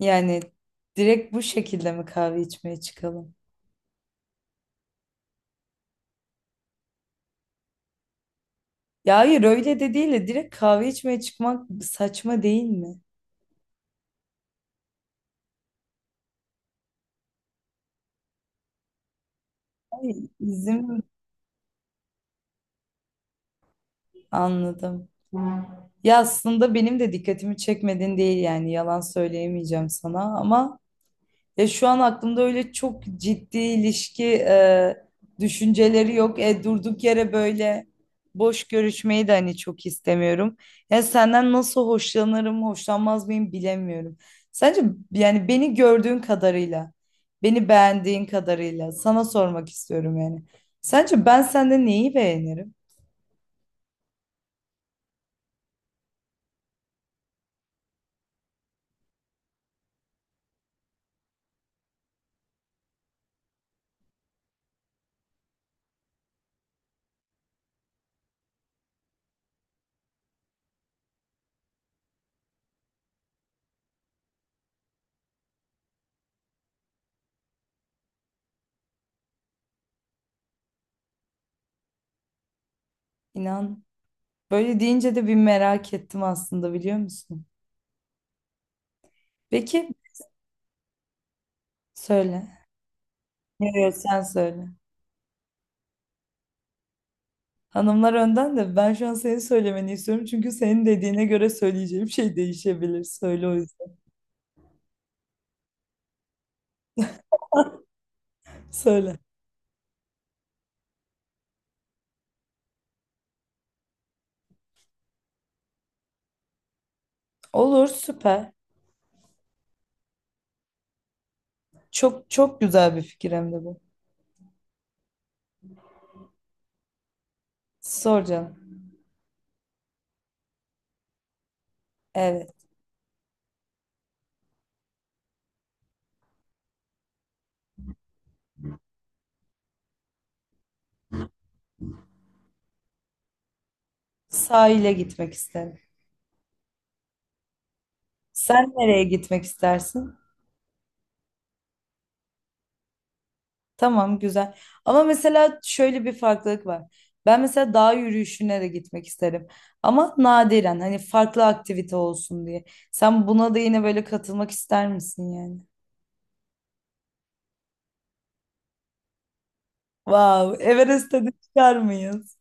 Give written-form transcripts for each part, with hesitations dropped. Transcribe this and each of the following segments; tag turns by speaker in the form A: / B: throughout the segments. A: Yani direkt bu şekilde mi kahve içmeye çıkalım? Ya hayır öyle de değil de direkt kahve içmeye çıkmak saçma değil mi? Hayır, izin anladım. Ya aslında benim de dikkatimi çekmedin değil yani yalan söyleyemeyeceğim sana ama ya şu an aklımda öyle çok ciddi ilişki düşünceleri yok. Durduk yere böyle boş görüşmeyi de hani çok istemiyorum. Ya senden nasıl hoşlanırım, hoşlanmaz mıyım bilemiyorum. Sence yani beni gördüğün kadarıyla, beni beğendiğin kadarıyla sana sormak istiyorum yani. Sence ben sende neyi beğenirim? İnan böyle deyince de bir merak ettim aslında biliyor musun? Peki söyle. Yok, yok, sen söyle. Hanımlar önden de ben şu an senin söylemeni istiyorum. Çünkü senin dediğine göre söyleyeceğim şey değişebilir. Söyle o yüzden. Söyle. Olur, süper. Çok çok güzel bir fikir hem de bu. Sor canım. Evet. Sahile gitmek isterim. Sen nereye gitmek istersin? Tamam, güzel. Ama mesela şöyle bir farklılık var. Ben mesela dağ yürüyüşüne de gitmek isterim. Ama nadiren, hani farklı aktivite olsun diye. Sen buna da yine böyle katılmak ister misin yani? Wow, Everest'e de çıkar mıyız?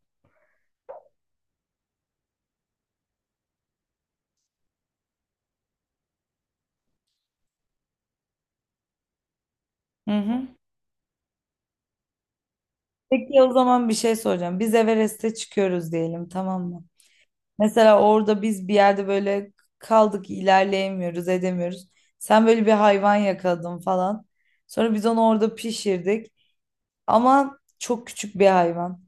A: Hı hı. Peki o zaman bir şey soracağım. Biz Everest'e çıkıyoruz diyelim, tamam mı? Mesela orada biz bir yerde böyle kaldık, ilerleyemiyoruz, edemiyoruz. Sen böyle bir hayvan yakaladın falan. Sonra biz onu orada pişirdik. Ama çok küçük bir hayvan.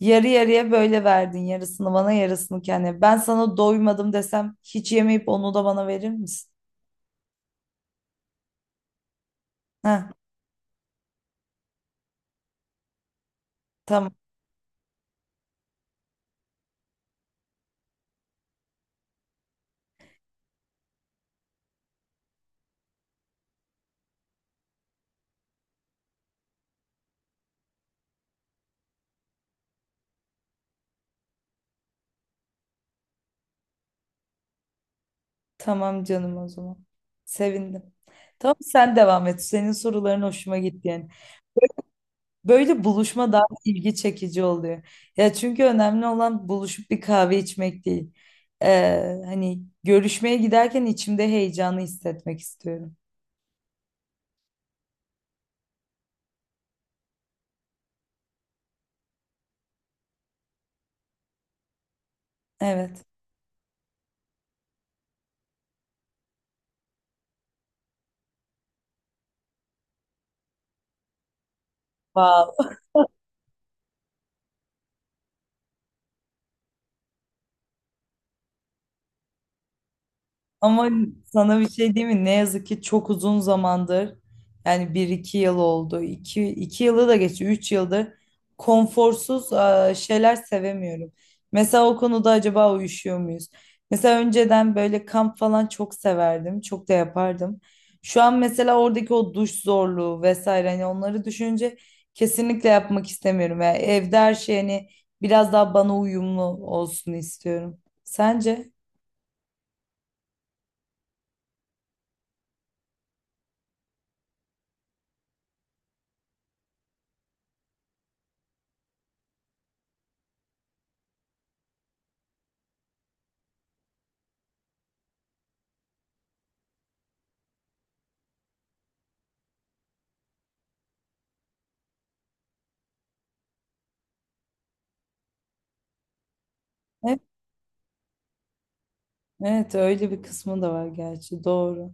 A: Yarı yarıya böyle verdin. Yarısını bana, yarısını kendine. Ben sana doymadım desem hiç yemeyip onu da bana verir misin? Heh, tamam. Tamam canım o zaman. Sevindim. Tamam, sen devam et. Senin soruların hoşuma gitti yani. Böyle buluşma daha ilgi çekici oluyor. Ya çünkü önemli olan buluşup bir kahve içmek değil. Hani görüşmeye giderken içimde heyecanı hissetmek istiyorum. Evet. Vav. Ama sana bir şey diyeyim mi? Ne yazık ki çok uzun zamandır yani bir iki yıl oldu. İki, 2 yılı da geçti. 3 yıldır konforsuz şeyler sevemiyorum. Mesela o konuda acaba uyuşuyor muyuz? Mesela önceden böyle kamp falan çok severdim. Çok da yapardım. Şu an mesela oradaki o duş zorluğu vesaire, hani onları düşünce kesinlikle yapmak istemiyorum. Yani evde her şey hani biraz daha bana uyumlu olsun istiyorum. Sence? Evet, öyle bir kısmı da var gerçi, doğru.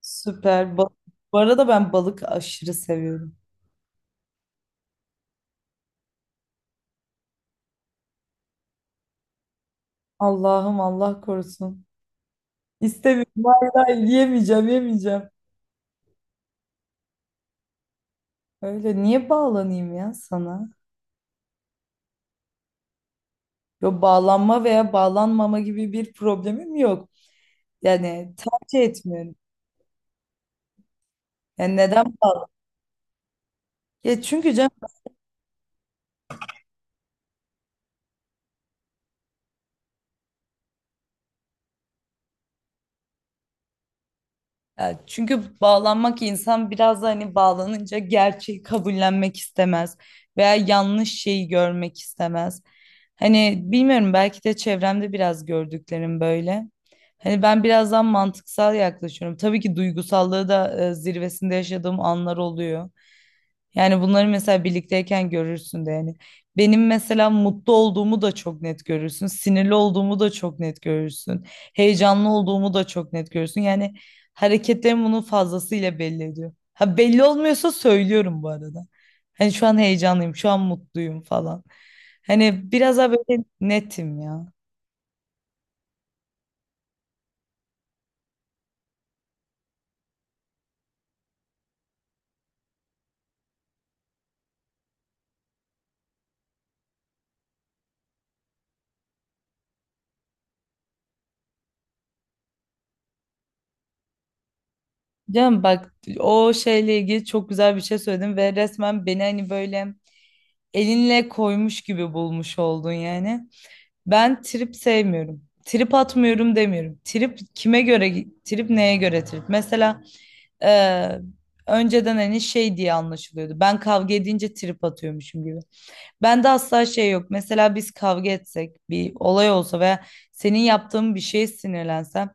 A: Süper. Bu arada ben balık aşırı seviyorum. Allah'ım, Allah korusun. İstemiyorum. Hayır, hayır, yemeyeceğim yemeyeceğim. Öyle niye bağlanayım ya sana? Yo, bağlanma veya bağlanmama gibi bir problemim yok. Yani tercih etmiyorum. Yani neden bağlan? Ya çünkü canım, ya çünkü bağlanmak, insan biraz da hani bağlanınca gerçeği kabullenmek istemez veya yanlış şeyi görmek istemez. Hani bilmiyorum, belki de çevremde biraz gördüklerim böyle. Hani ben birazdan mantıksal yaklaşıyorum. Tabii ki duygusallığı da zirvesinde yaşadığım anlar oluyor. Yani bunları mesela birlikteyken görürsün de yani. Benim mesela mutlu olduğumu da çok net görürsün. Sinirli olduğumu da çok net görürsün. Heyecanlı olduğumu da çok net görürsün. Yani hareketlerim bunun fazlasıyla belli ediyor. Ha, belli olmuyorsa söylüyorum bu arada. Hani şu an heyecanlıyım, şu an mutluyum falan. Hani biraz daha böyle netim ya. Canım bak, o şeyle ilgili çok güzel bir şey söyledin ve resmen beni hani böyle elinle koymuş gibi bulmuş oldun yani. Ben trip sevmiyorum. Trip atmıyorum demiyorum. Trip kime göre, trip neye göre trip? Mesela eee, önceden hani şey diye anlaşılıyordu. Ben kavga edince trip atıyormuşum gibi. Bende asla şey yok. Mesela biz kavga etsek, bir olay olsa veya senin yaptığın bir şeye sinirlensem,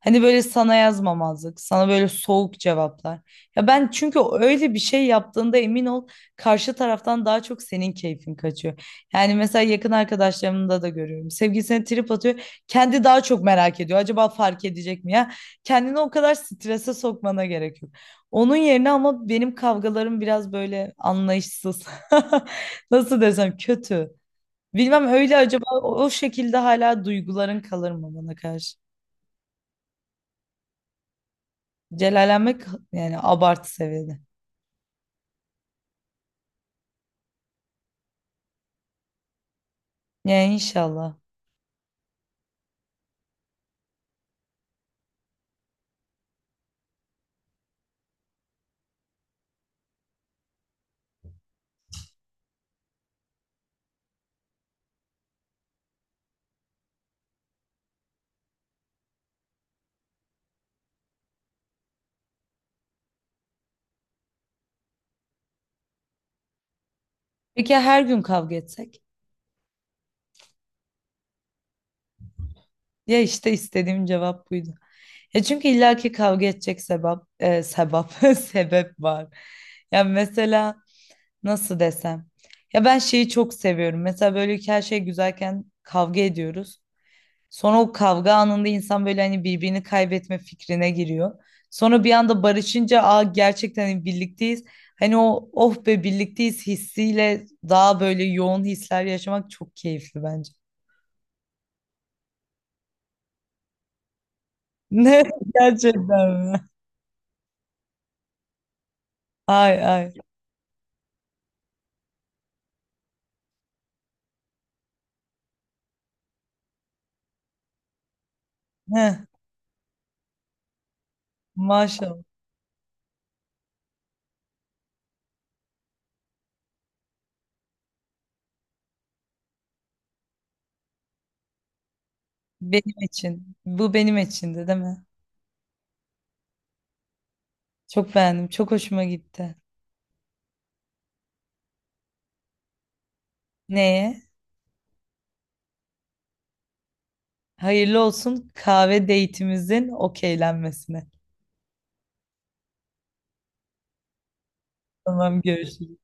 A: hani böyle sana yazmamazlık, sana böyle soğuk cevaplar. Ya ben çünkü öyle bir şey yaptığında emin ol, karşı taraftan daha çok senin keyfin kaçıyor. Yani mesela yakın arkadaşlarımda da görüyorum. Sevgilisine trip atıyor. Kendi daha çok merak ediyor. Acaba fark edecek mi ya? Kendini o kadar strese sokmana gerek yok. Onun yerine ama benim kavgalarım biraz böyle anlayışsız. Nasıl desem, kötü. Bilmem öyle acaba o şekilde hala duyguların kalır mı bana karşı? Celallenmek yani abartı seviyede. Yani inşallah. Peki ya her gün kavga etsek? Ya işte istediğim cevap buydu. Ya çünkü illaki kavga edecek sebep, sebep var. Ya mesela nasıl desem? Ya ben şeyi çok seviyorum. Mesela böyle ki her şey güzelken kavga ediyoruz. Sonra o kavga anında insan böyle hani birbirini kaybetme fikrine giriyor. Sonra bir anda barışınca, aa, gerçekten hani birlikteyiz. Hani o oh be birlikteyiz hissiyle daha böyle yoğun hisler yaşamak çok keyifli bence. Ne, gerçekten mi? Ay ay. Heh, maşallah. Benim için. Bu benim içindi değil mi? Çok beğendim. Çok hoşuma gitti. Neye? Hayırlı olsun kahve date'imizin okeylenmesine. Tamam, görüşürüz.